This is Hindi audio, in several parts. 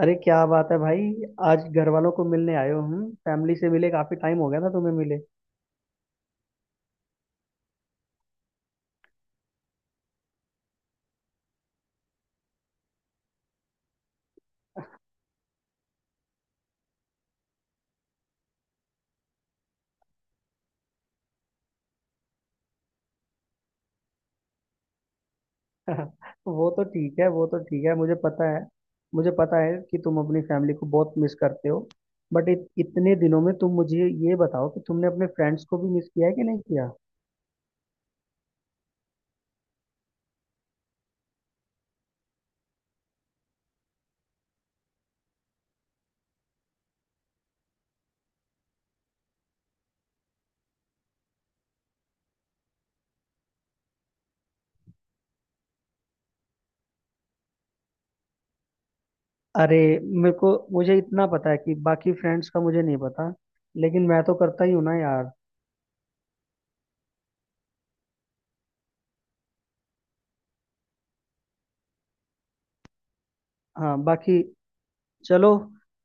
अरे क्या बात है भाई। आज घर वालों को मिलने आए हो? हम फैमिली से मिले काफी टाइम हो गया ना, तुम्हें मिले। वो तो ठीक है, वो तो ठीक है, मुझे पता है। मुझे पता है कि तुम अपनी फैमिली को बहुत मिस करते हो। बट इतने दिनों में तुम मुझे ये बताओ कि तुमने अपने फ्रेंड्स को भी मिस किया है कि नहीं किया। अरे, मेरे को मुझे इतना पता है कि बाकी फ्रेंड्स का मुझे नहीं पता, लेकिन मैं तो करता ही हूँ ना यार। हाँ बाकी, चलो।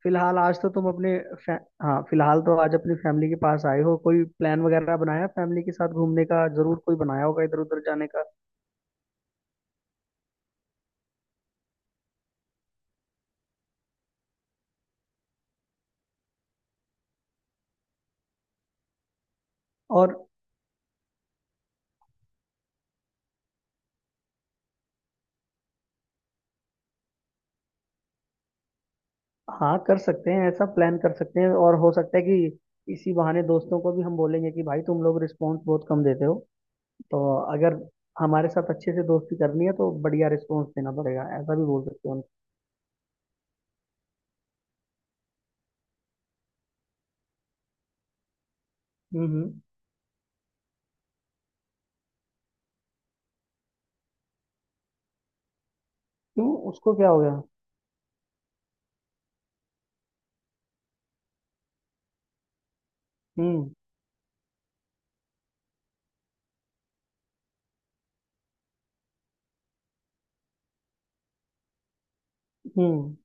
फिलहाल आज तो तुम अपने फै... हाँ, फिलहाल तो आज अपनी फैमिली के पास आए हो। कोई प्लान वगैरह बनाया फैमिली के साथ घूमने का? जरूर कोई बनाया होगा इधर उधर जाने का। और हाँ, कर सकते हैं, ऐसा प्लान कर सकते हैं। और हो सकता है कि इसी बहाने दोस्तों को भी हम बोलेंगे कि भाई तुम लोग रिस्पॉन्स बहुत कम देते हो। तो अगर हमारे साथ अच्छे से दोस्ती करनी है तो बढ़िया रिस्पॉन्स देना पड़ेगा, ऐसा भी बोल सकते हैं उनको। हम्म। क्यों, उसको क्या हो गया? हम्म हम्म।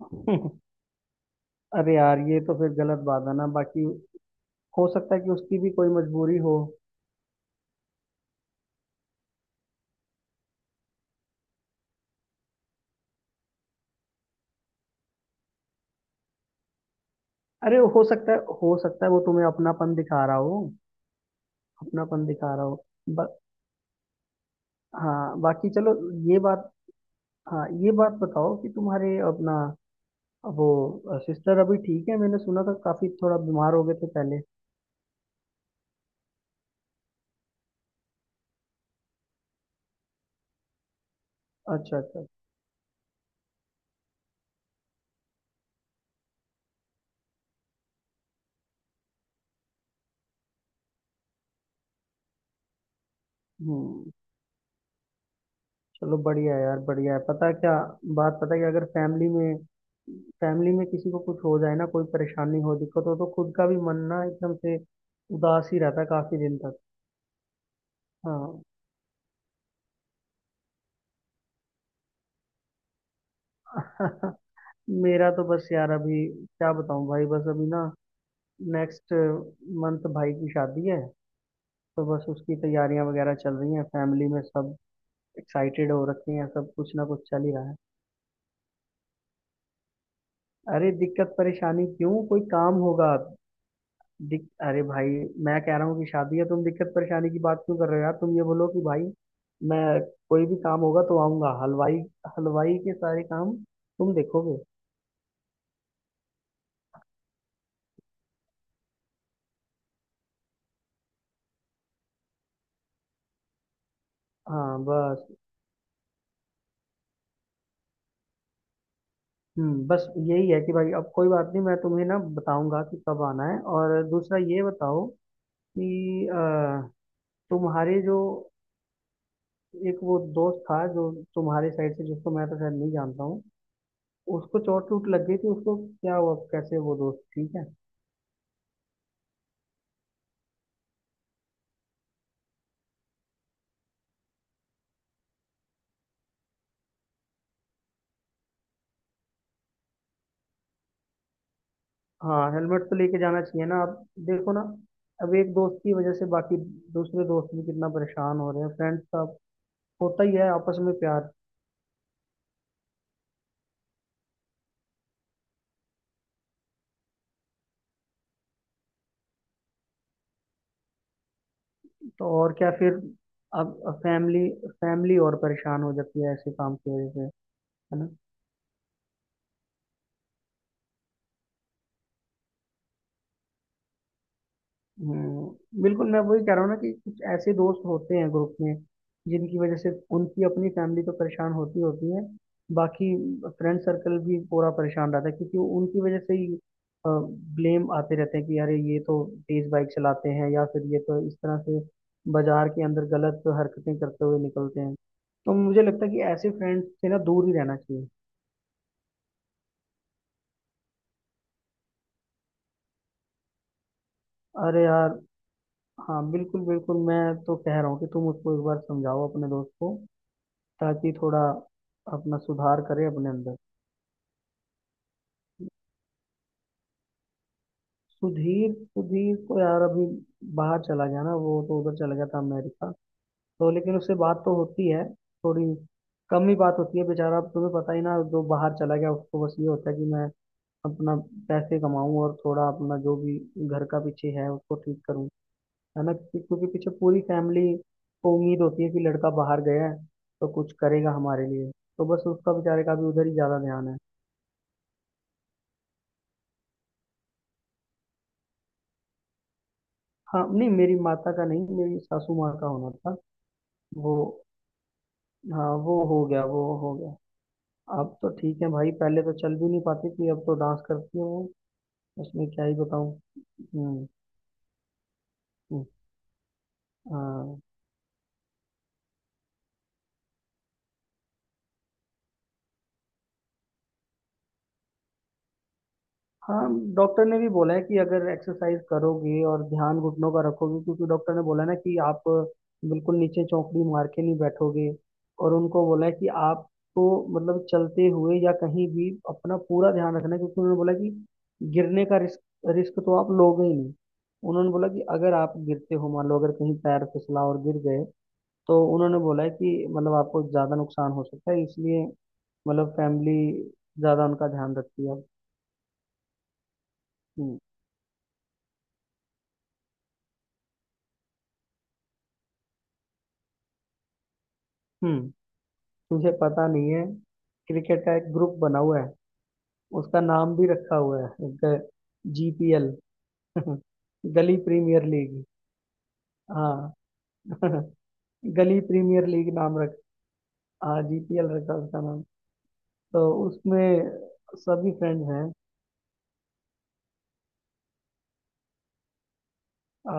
अरे यार ये तो फिर गलत बात है ना बाकी। हो सकता है कि उसकी भी कोई मजबूरी हो। अरे हो सकता है, हो सकता है वो तुम्हें अपनापन दिखा रहा हो। अपनापन दिखा रहा हो हाँ बाकी, चलो। ये बात, हाँ ये बात बताओ कि तुम्हारे अपना वो सिस्टर अभी ठीक है? मैंने सुना था काफी थोड़ा बीमार हो गए थे पहले। अच्छा अच्छा। हम्म। चलो बढ़िया है यार, बढ़िया है। पता है क्या बात, पता है कि अगर फैमिली में, फैमिली में किसी को कुछ हो जाए ना, कोई परेशानी हो दिक्कत हो तो खुद का भी मन ना एकदम से उदास ही रहता है काफी दिन तक। हाँ। मेरा तो बस यार, अभी क्या बताऊं भाई, बस अभी ना नेक्स्ट मंथ भाई की शादी है। तो बस उसकी तैयारियां वगैरह चल रही हैं। फैमिली में सब एक्साइटेड हो रखे हैं, सब कुछ ना कुछ चल ही रहा है। अरे दिक्कत परेशानी क्यों, कोई काम होगा। अरे भाई, मैं कह रहा हूँ कि शादी है, तुम दिक्कत परेशानी की बात क्यों कर रहे हो यार। तुम ये बोलो कि भाई मैं कोई भी काम होगा तो आऊंगा। हलवाई, हलवाई के सारे काम तुम देखोगे। हाँ बस। हम्म, बस यही है कि भाई अब कोई बात नहीं, मैं तुम्हें ना बताऊंगा कि कब आना है। और दूसरा ये बताओ कि तुम्हारे जो एक वो दोस्त था जो तुम्हारे साइड से, जिसको मैं तो शायद नहीं जानता हूँ, उसको चोट टूट लग गई थी। उसको क्या हुआ, कैसे? वो दोस्त ठीक है? हाँ हेलमेट तो लेके जाना चाहिए ना। आप देखो ना, अब एक दोस्त की वजह से बाकी दूसरे दोस्त भी कितना परेशान हो रहे हैं। फ्रेंड्स का होता ही है आपस में प्यार। तो और क्या फिर, अब फैमिली, फैमिली और परेशान हो जाती है ऐसे काम की वजह से। है ना। बिल्कुल, मैं वही कह रहा हूँ ना कि कुछ ऐसे दोस्त होते हैं ग्रुप में जिनकी वजह से उनकी अपनी फैमिली तो परेशान होती होती है, बाकी फ्रेंड सर्कल भी पूरा परेशान रहता है, क्योंकि उनकी वजह से ही ब्लेम आते रहते हैं कि अरे ये तो तेज बाइक चलाते हैं या फिर ये तो इस तरह से बाजार के अंदर गलत हरकतें करते हुए निकलते हैं। तो मुझे लगता है कि ऐसे फ्रेंड से ना दूर ही रहना चाहिए। अरे यार, हाँ बिल्कुल बिल्कुल, मैं तो कह रहा हूँ कि तुम उसको एक बार समझाओ अपने दोस्त को, ताकि थोड़ा अपना सुधार करे अपने अंदर। सुधीर? सुधीर तो यार अभी बाहर चला गया ना, वो तो उधर चला गया था अमेरिका। तो लेकिन उससे बात तो होती है, थोड़ी कम ही बात होती है। बेचारा, अब तुम्हें पता ही ना, जो बाहर चला गया उसको बस ये होता है कि मैं अपना पैसे कमाऊं और थोड़ा अपना जो भी घर का पीछे है उसको ठीक करूं। है ना, क्योंकि क्योंकि पीछे पूरी फैमिली को उम्मीद होती है कि लड़का बाहर गया है तो कुछ करेगा हमारे लिए। तो बस उसका, बेचारे का भी उधर ही ज्यादा ध्यान है। हाँ नहीं, मेरी माता का नहीं, मेरी सासू माँ का होना था वो। हाँ वो हो गया, वो हो गया। अब तो ठीक है भाई, पहले तो चल भी नहीं पाती थी, अब तो डांस करती है वो। उसमें क्या ही बताऊँ। हम्म हम्म। हाँ हाँ, डॉक्टर ने भी बोला है कि अगर एक्सरसाइज करोगे और ध्यान घुटनों का रखोगे, क्योंकि डॉक्टर ने बोला ना कि आप बिल्कुल नीचे चौकड़ी मार के नहीं बैठोगे। और उनको बोला है कि आपको मतलब चलते हुए या कहीं भी अपना पूरा ध्यान रखना है, क्योंकि उन्होंने बोला कि गिरने का रिस्क, रिस्क तो आप लोगे ही नहीं। उन्होंने बोला कि अगर आप गिरते हो, मान लो अगर कहीं पैर फिसला और गिर गए, तो उन्होंने बोला है कि मतलब आपको ज़्यादा नुकसान हो सकता है, इसलिए मतलब फैमिली ज़्यादा उनका ध्यान रखती है। हम्म हम्म। तुझे पता नहीं है, क्रिकेट का एक ग्रुप बना हुआ है, उसका नाम भी रखा हुआ है एक, जीपीएल। गली प्रीमियर लीग। हाँ। गली प्रीमियर लीग नाम रख, हाँ जीपीएल रखा उसका नाम। तो उसमें सभी फ्रेंड्स हैं। आ,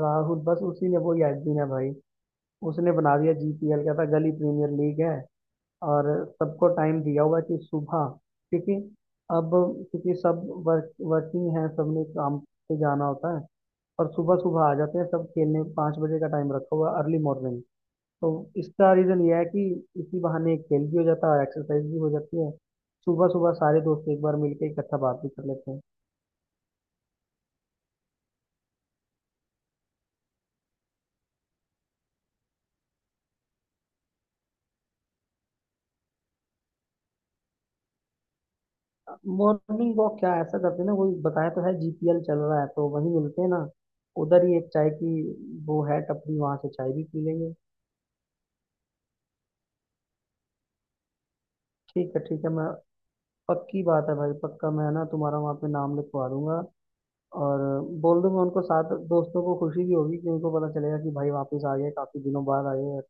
राहुल, बस उसी ने, वो यादवीन है भाई। उसने बना दिया जीपीएल का, था गली प्रीमियर लीग है। और सबको टाइम दिया हुआ कि सुबह, क्योंकि अब क्योंकि सब वर्किंग है, सबने काम पे जाना होता है, और सुबह सुबह आ जाते हैं सब खेलने। पाँच बजे का टाइम रखा हुआ, अर्ली मॉर्निंग। तो इसका रीज़न यह है कि इसी बहाने खेल भी हो जाता है और एक्सरसाइज भी हो जाती है। सुबह सुबह सारे दोस्त एक बार मिलकर इकट्ठा बात भी कर लेते हैं। मॉर्निंग वॉक क्या, ऐसा करते हैं ना, कोई बताया तो है जीपीएल चल रहा है तो वहीं मिलते हैं ना। उधर ही एक चाय की वो है टपरी, वहां से चाय भी पी लेंगे। ठीक है ठीक है, मैं पक्की बात है भाई, पक्का मैं ना तुम्हारा वहाँ पे नाम लिखवा दूंगा और बोल दूंगा उनको। साथ दोस्तों को खुशी भी होगी कि उनको पता चलेगा कि भाई वापस आ गए, काफी दिनों बाद आए हैं।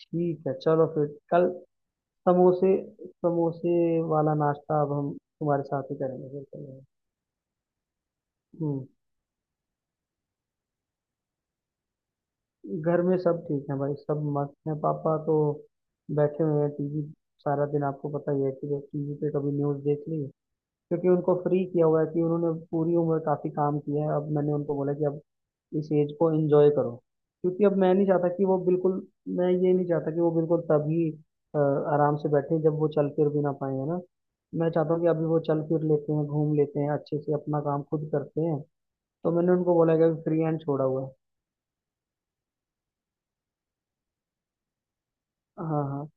ठीक है, चलो फिर। कल समोसे, समोसे वाला नाश्ता अब हम तुम्हारे साथ ही करेंगे फिर चलेंगे। हम्म। घर में सब ठीक है भाई, सब मस्त हैं। पापा तो बैठे हुए हैं टीवी, सारा दिन आपको पता ही है कि वो टीवी पे कभी न्यूज़ देख ली। क्योंकि उनको फ्री किया हुआ है, कि उन्होंने पूरी उम्र काफी काम किया है, अब मैंने उनको बोला कि अब इस एज को एंजॉय करो। क्योंकि अब मैं नहीं चाहता कि वो बिल्कुल, मैं ये नहीं चाहता कि वो बिल्कुल तभी आराम से बैठे जब वो चल फिर भी ना पाए, है ना। मैं चाहता हूँ कि अभी वो चल फिर लेते हैं, घूम लेते हैं, अच्छे से अपना काम खुद करते हैं। तो मैंने उनको बोला है कि अभी फ्री हैंड छोड़ा हुआ है। हाँ हाँ।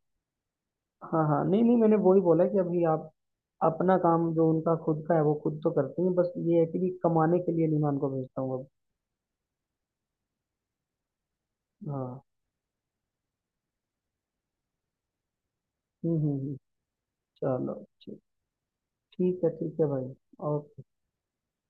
हाँ हाँ, नहीं नहीं, मैंने वही बोला कि अभी आप अपना काम जो उनका खुद का है वो खुद तो करते हैं, बस ये है कि कमाने के लिए नहीं मैं उनको भेजता हूँ अब। हाँ हम्म। चलो, ठीक। ठीक है, ठीक है भाई। ओके।